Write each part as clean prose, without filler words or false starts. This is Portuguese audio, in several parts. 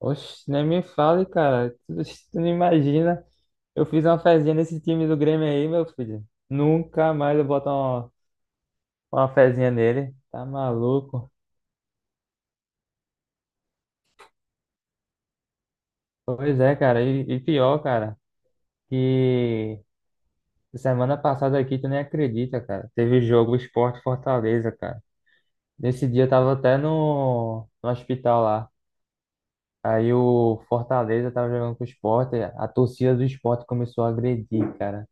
Oxe, nem me fale, cara. Tu não imagina. Eu fiz uma fezinha nesse time do Grêmio aí, meu filho. Nunca mais eu boto uma fezinha nele. Tá maluco? Pois é, cara. E pior, cara, que semana passada aqui tu nem acredita, cara. Teve jogo Sport Fortaleza, cara. Nesse dia eu tava até no hospital lá. Aí o Fortaleza tava jogando com o Sport. A torcida do Sport começou a agredir, cara.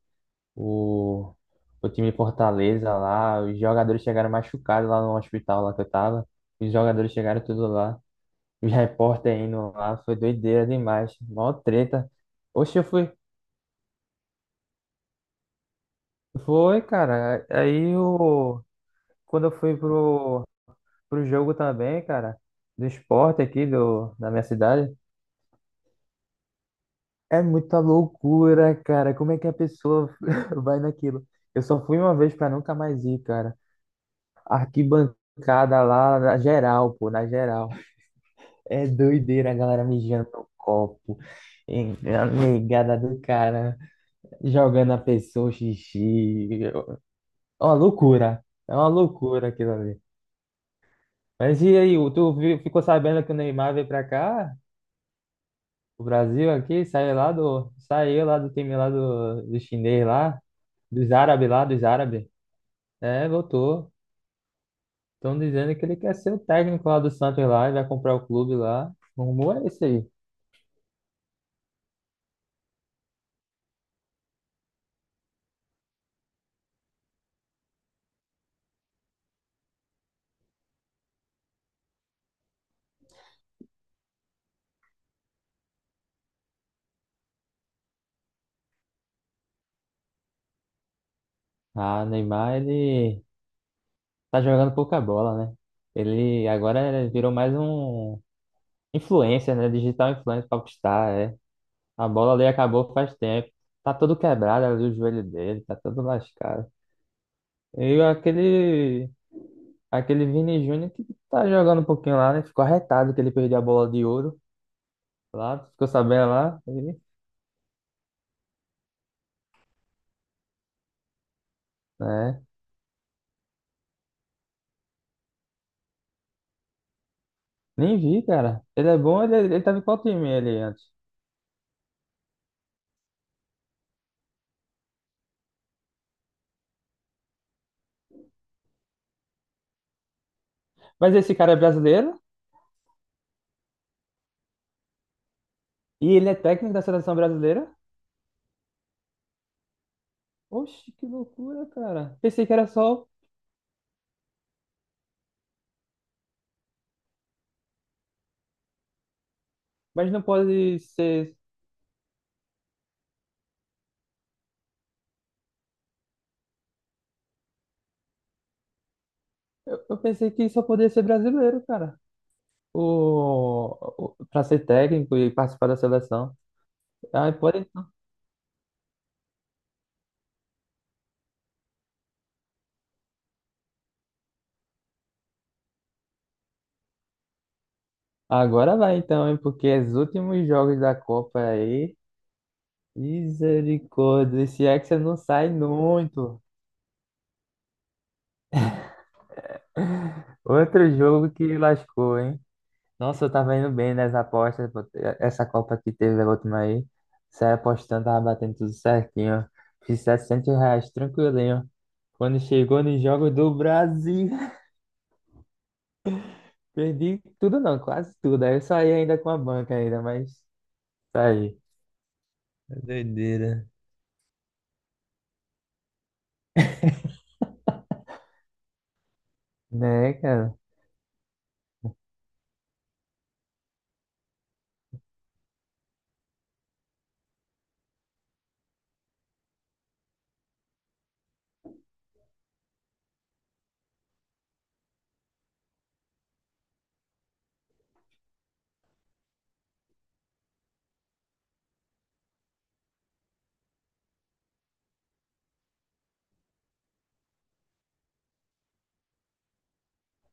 O, o time de Fortaleza lá, os jogadores chegaram machucados lá no hospital lá que eu tava. Os jogadores chegaram tudo lá. Os repórteres indo lá, foi doideira demais. Mó treta. Oxe, eu fui. Foi, cara. Aí o. Quando eu fui pro jogo também, cara, do esporte aqui da minha cidade, é muita loucura, cara. Como é que a pessoa vai naquilo? Eu só fui uma vez pra nunca mais ir, cara. Arquibancada lá na geral, pô, na geral. É doideira a galera mijando no copo, a negada do cara, jogando a pessoa xixi. É uma loucura aquilo ali. Mas e aí, ficou sabendo que o Neymar veio pra cá, o Brasil aqui, saiu lá saiu lá do time lá do chinês lá, dos árabes lá, dos árabes. É, voltou. Estão dizendo que ele quer ser o técnico lá do Santos lá e vai comprar o clube lá. O rumor é esse aí. Ah, Neymar, ele tá jogando pouca bola, né? Ele agora virou mais um influencer, né? Digital influencer popstar, é. A bola ali acabou faz tempo. Tá todo quebrado ali o joelho dele, tá todo lascado. E aquele Vini Júnior que tá jogando um pouquinho lá, né? Ficou arretado que ele perdeu a bola de ouro lá, ficou sabendo lá, ele, né? Nem vi, cara. Ele é bom, ele, é, ele tava em qual time ele antes? Mas esse cara é brasileiro e ele é técnico da seleção brasileira? Oxe, que loucura, cara. Pensei que era só, mas não pode ser. Eu pensei que só podia ser brasileiro, cara. Pra ser técnico e participar da seleção. Ah, pode então. Agora vai então, hein? Porque os últimos jogos da Copa aí. Misericórdia, esse Hexa não sai muito. Outro jogo que lascou, hein? Nossa, eu tava indo bem nas apostas, pô. Essa Copa que teve a última aí. Saí apostando, tava batendo tudo certinho. Fiz 700 reais, tranquilinho. Quando chegou nos Jogos do Brasil, perdi tudo não, quase tudo. Aí eu saí ainda com a banca ainda, mas saí. Doideira. Né, cara?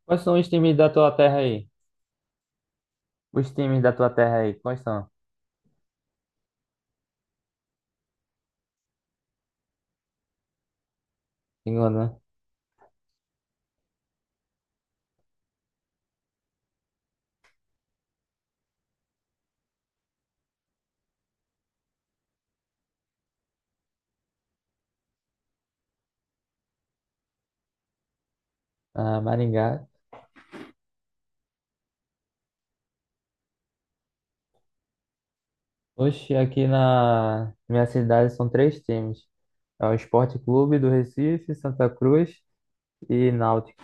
Quais são os times da tua terra aí? Os times da tua terra aí, quais são? Engano, né? Ah, Maringá. Oxe, aqui na minha cidade são três times. É o Esporte Clube do Recife, Santa Cruz e Náutico.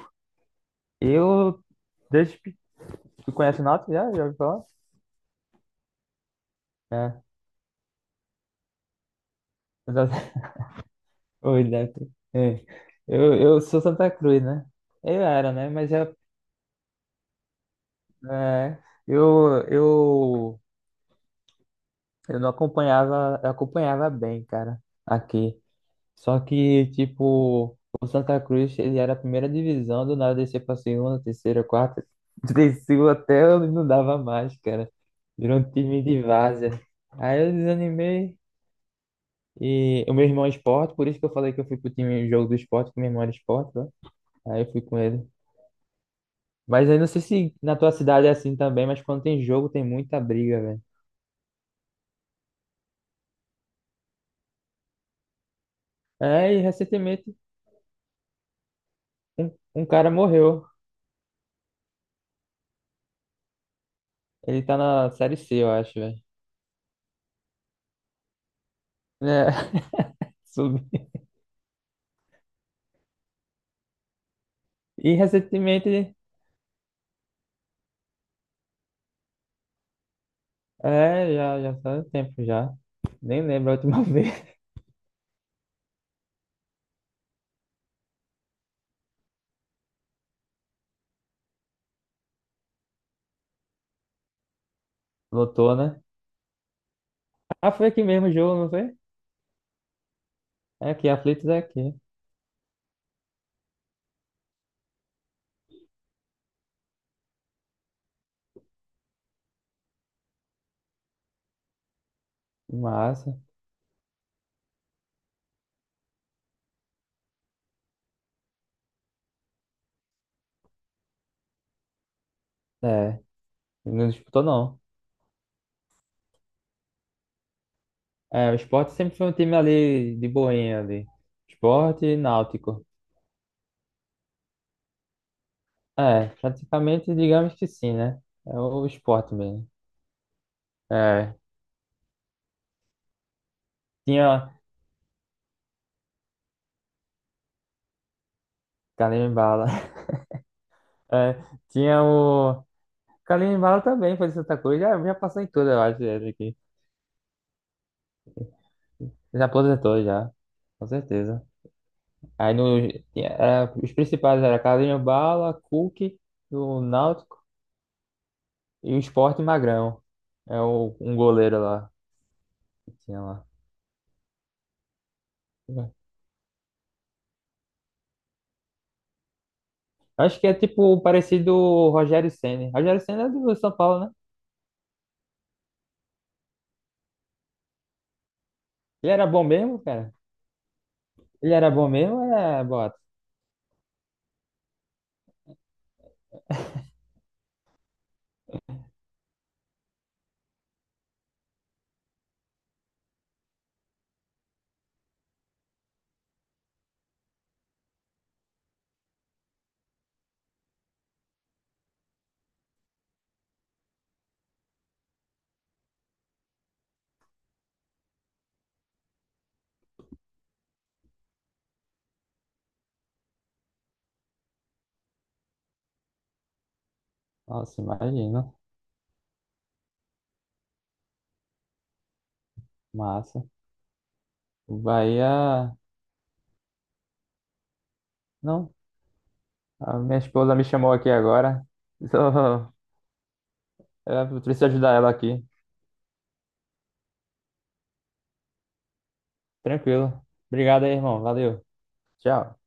Eu, desde pe- Tu conhece o Náutico já? Já ouviu falar? É. Eu já- Oi, Neto. É. Eu sou Santa Cruz, né? Eu era, né? Mas já, é, eu, eu, eu não acompanhava, eu acompanhava bem, cara, aqui. Só que, tipo, o Santa Cruz, ele era a primeira divisão, do nada descer pra segunda, terceira, quarta, desceu até eu não dava mais, cara. Virou um time de várzea. Aí eu desanimei. E o meu irmão é esporte, por isso que eu falei que eu fui pro time jogo do esporte, que meu irmão era esporte, né? Aí eu fui com ele. Mas aí não sei se na tua cidade é assim também, mas quando tem jogo tem muita briga, velho. É, e recentemente um cara morreu. Ele tá na série C, eu acho, velho. É, subi- E recentemente. É, já faz um tempo já. Nem lembro a última vez. Lotou, né? Ah, foi aqui mesmo o jogo, não foi? É aqui, Aflitos é aqui. Massa. É, não disputou não. É, o Sport sempre foi um time ali de boinha ali. Sport e Náutico. É, praticamente digamos que sim, né? É o Sport mesmo. É, tinha Kalimbala. É, tinha o... Kalimbala também foi de Santa Cruz. Já passou em tudo, eu acho, ele aqui. Já aposentou já, com certeza. Aí no, era- os principais eram Carlinhos Bala, Cook, do Náutico e o Sport Magrão. É o, um goleiro lá que tinha lá. Acho que é tipo parecido o Rogério Ceni. Rogério Ceni é do São Paulo, né? Ele era bom mesmo, cara? Ele era bom mesmo, é, bota. Nossa, imagina. Massa. O Bahia. Não, a minha esposa me chamou aqui agora. Só- Eu preciso ajudar ela aqui. Tranquilo. Obrigado aí, irmão. Valeu. Tchau.